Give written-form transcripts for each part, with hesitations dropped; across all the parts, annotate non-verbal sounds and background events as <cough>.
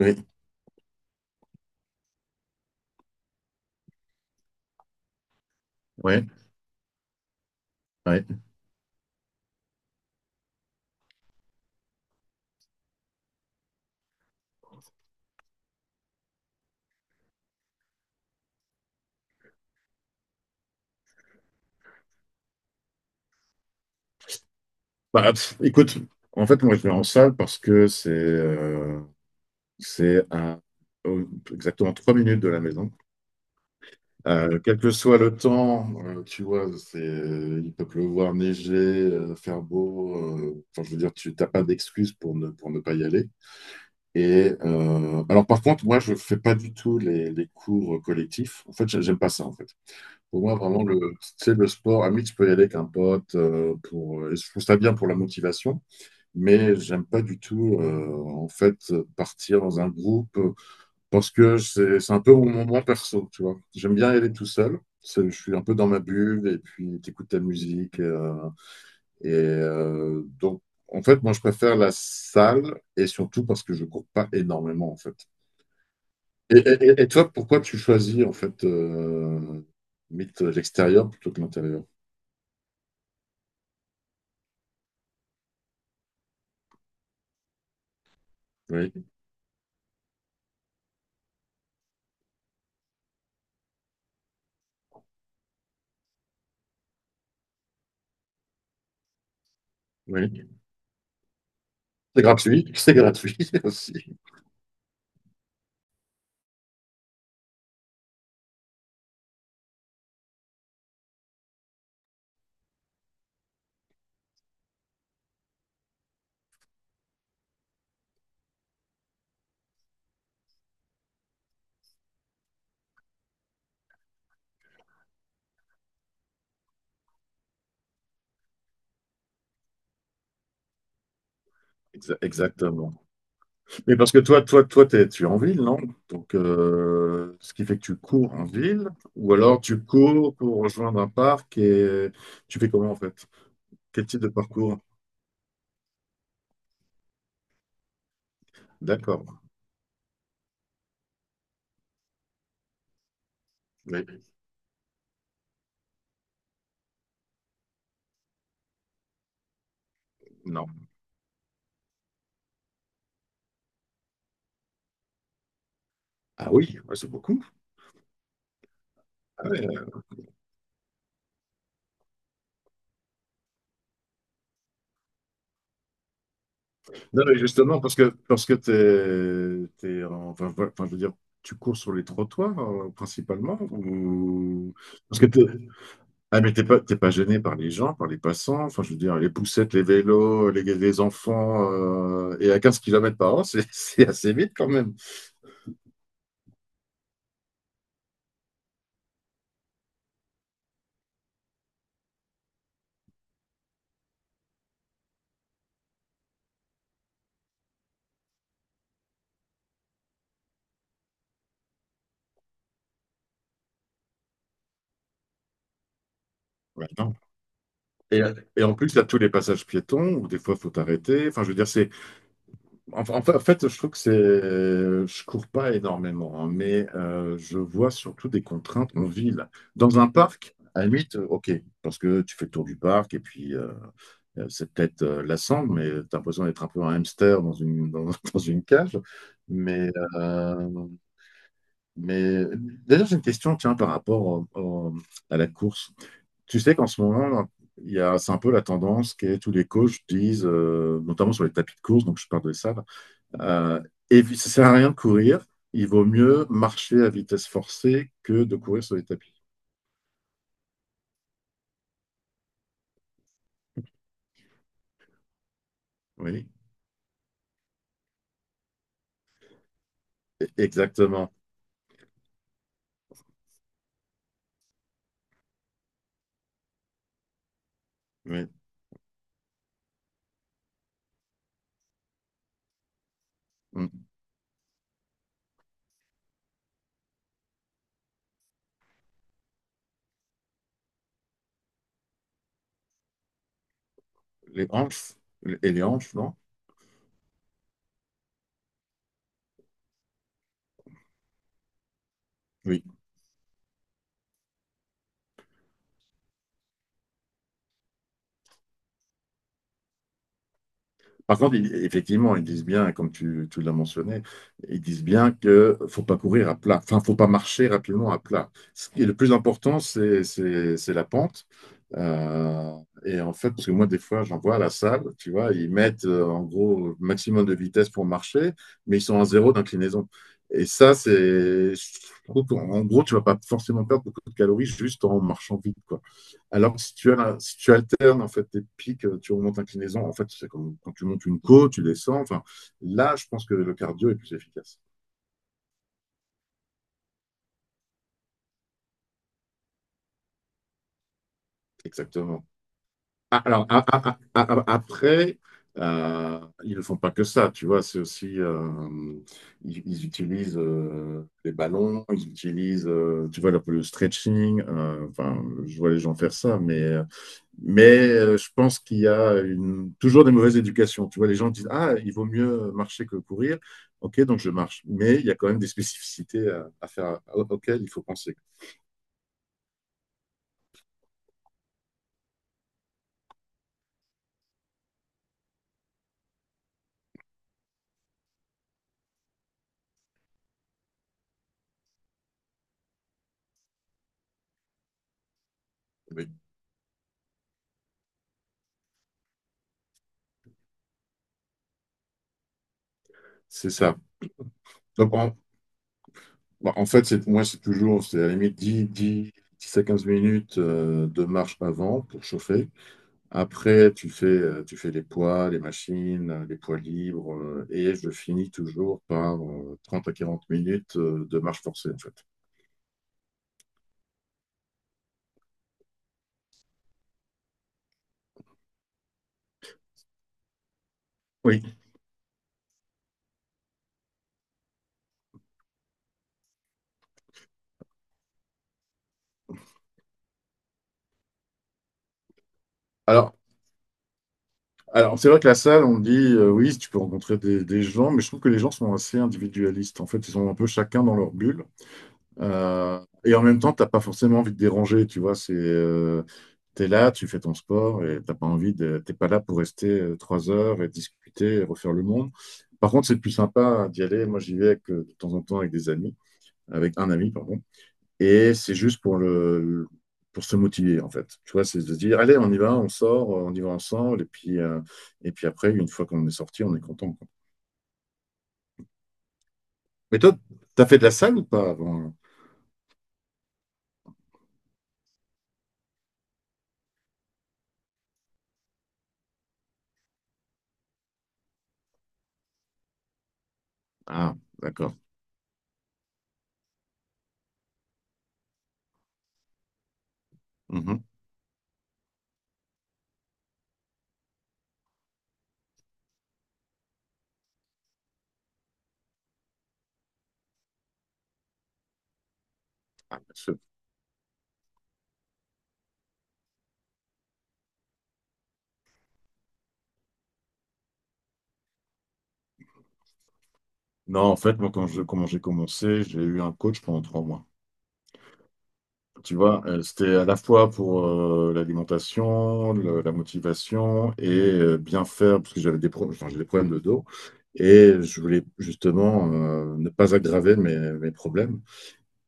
Oui, ouais, ouais. Bah, pff, écoute, en fait, moi, je vais en salle parce que c'est à au- exactement 3 minutes de la maison. Quel que soit le temps, tu vois, c'est, il peut pleuvoir, neiger, faire beau. Enfin, je veux dire, tu n'as pas d'excuse pour ne pas y aller. Et alors, par contre, moi, je fais pas du tout les cours collectifs. En fait, j'aime pas ça, en fait. Pour moi, vraiment, c'est le sport. À mi, tu peux y aller avec un pote. Et je trouve ça bien pour la motivation. Mais j'aime pas du tout en fait partir dans un groupe, parce que c'est un peu mon moment perso, tu vois. J'aime bien aller tout seul. C'est- Je suis un peu dans ma bulle et puis t'écoutes ta musique, et donc en fait, moi, je préfère la salle, et surtout parce que je cours pas énormément, en fait. Et, et toi, pourquoi tu choisis en fait limite l'extérieur plutôt que l'intérieur? Oui, oui. C'est gratuit, <laughs> c'est gratuit aussi. Exactement. Mais parce que tu es en ville, non? Donc, ce qui fait que tu cours en ville, ou alors tu cours pour rejoindre un parc et tu fais comment, en fait? Quel type de parcours? D'accord. Oui. Non. Ah oui, ouais, c'est beaucoup. Ah ouais. Non, mais justement, parce que enfin, voilà, enfin, je veux dire, tu cours sur les trottoirs, principalement, ou parce que t'es- Ah, mais t'es pas gêné par les gens, par les passants, enfin, je veux dire, les poussettes, les vélos, les enfants, et à 15 km/h, c'est <laughs> c'est assez vite quand même. Ouais, non. Et, et en plus, il y a tous les passages piétons où des fois, il faut t'arrêter. Enfin, je veux dire, c'est. Enfin, en fait, je trouve que c'est. Je cours pas énormément, hein, mais je vois surtout des contraintes en ville. Dans un parc, à la limite, OK, parce que tu fais le tour du parc et puis, c'est peut-être lassant, mais tu as l'impression d'être un peu un hamster dans une, dans, <laughs> dans une cage. Mais, euh, mais, d'ailleurs, j'ai une question, tiens, par rapport à la course. Tu sais qu'en ce moment, c'est un peu la tendance qui est tous les coachs disent, notamment sur les tapis de course, donc je parle de ça, là, euh, ça sert à rien de courir, il vaut mieux marcher à vitesse forcée que de courir sur les tapis. Oui, exactement. Oui. Mm. Les hanches, et les hanches, non? Oui. Par contre, effectivement, ils disent bien, comme tu l'as mentionné, ils disent bien que faut pas courir à plat, enfin, faut pas marcher rapidement à plat. Ce qui est le plus important, c'est la pente. Euh, et en fait, parce que moi, des fois, j'en vois à la salle, tu vois, ils mettent en gros maximum de vitesse pour marcher, mais ils sont à zéro d'inclinaison. Et ça, c'est, je trouve qu'en gros, tu vas pas forcément perdre beaucoup de calories juste en marchant vite, quoi. Alors que si tu alternes en fait tes pics, tu remontes inclinaison. En fait, c'est comme quand tu montes une côte, tu descends. Enfin, là, je pense que le cardio est plus efficace. Exactement. Après, euh, ils ne font pas que ça. Tu vois, c'est aussi ils utilisent les ballons, ils utilisent, tu vois, le stretching. Enfin, je vois les gens faire ça. Je pense qu'il y a toujours des mauvaises éducations. Tu vois, les gens disent, Ah, il vaut mieux marcher que courir. OK, donc je marche. Mais il y a quand même des spécificités à faire, auxquelles il faut penser. Oui, c'est ça. Donc, bon, en fait, moi, c'est toujours, c'est à la limite 10 10 10 à 15 minutes de marche avant pour chauffer. Après, tu fais les poids, les machines, les poids libres. Et je finis toujours par 30 à 40 minutes de marche forcée, en fait. Oui. Alors, Alors, c'est vrai que la salle, on dit, oui, tu peux rencontrer des gens, mais je trouve que les gens sont assez individualistes. En fait, ils sont un peu chacun dans leur bulle. Euh, et en même temps, t'as pas forcément envie de déranger, tu vois. C'est, t'es là, tu fais ton sport et t'as pas envie de, t'es pas là pour rester 3 heures et discuter et refaire le monde. Par contre, c'est plus sympa d'y aller. Moi, j'y vais avec, de temps en temps avec des amis, avec un ami, pardon. Et c'est juste pour pour se motiver, en fait. Tu vois, c'est de se dire, allez, on y va, on sort, on y va ensemble. Et puis, après, une fois qu'on est sorti, on est content, quoi. Mais toi, t'as fait de la salle ou pas avant? Ah, d'accord. Mhm. Ah, bien sûr. Non, en fait, moi, quand je, comment j'ai commencé, j'ai eu un coach pendant 3 mois. Tu vois, c'était à la fois pour l'alimentation, la motivation et bien faire, parce que enfin, j'ai des problèmes de dos. Et je voulais justement ne pas aggraver mes problèmes.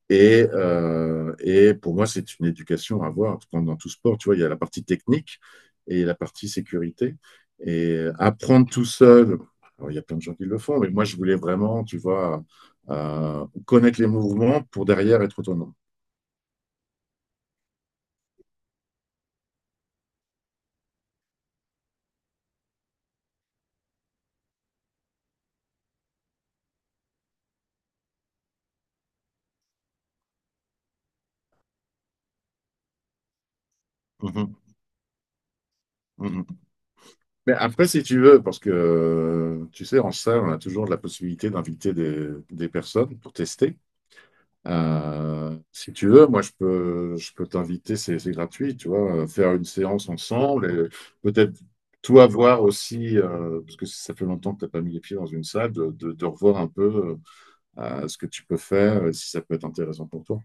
Et, pour moi, c'est une éducation à avoir. Comme dans tout sport, tu vois, il y a la partie technique et la partie sécurité. Et apprendre tout seul, alors, il y a plein de gens qui le font, mais moi, je voulais vraiment, tu vois, connaître les mouvements pour derrière être autonome. Mhm, mhm. Mais après, si tu veux, parce que tu sais, en salle, on a toujours la possibilité d'inviter des personnes pour tester. Si tu veux, moi je peux t'inviter, c'est gratuit, tu vois, faire une séance ensemble et peut-être toi voir aussi, parce que ça fait longtemps que tu n'as pas mis les pieds dans une salle, de revoir un peu ce que tu peux faire, et si ça peut être intéressant pour toi.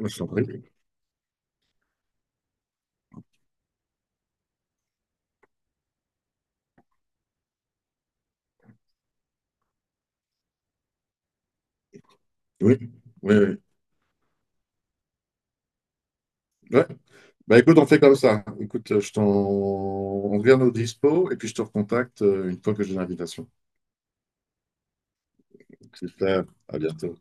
Ouais, je t'en prie. Oui, oui, oui. Ouais. Bah écoute, on fait comme ça. Écoute, je t'en... on revient au dispo et puis je te recontacte une fois que j'ai l'invitation. Super, à bientôt.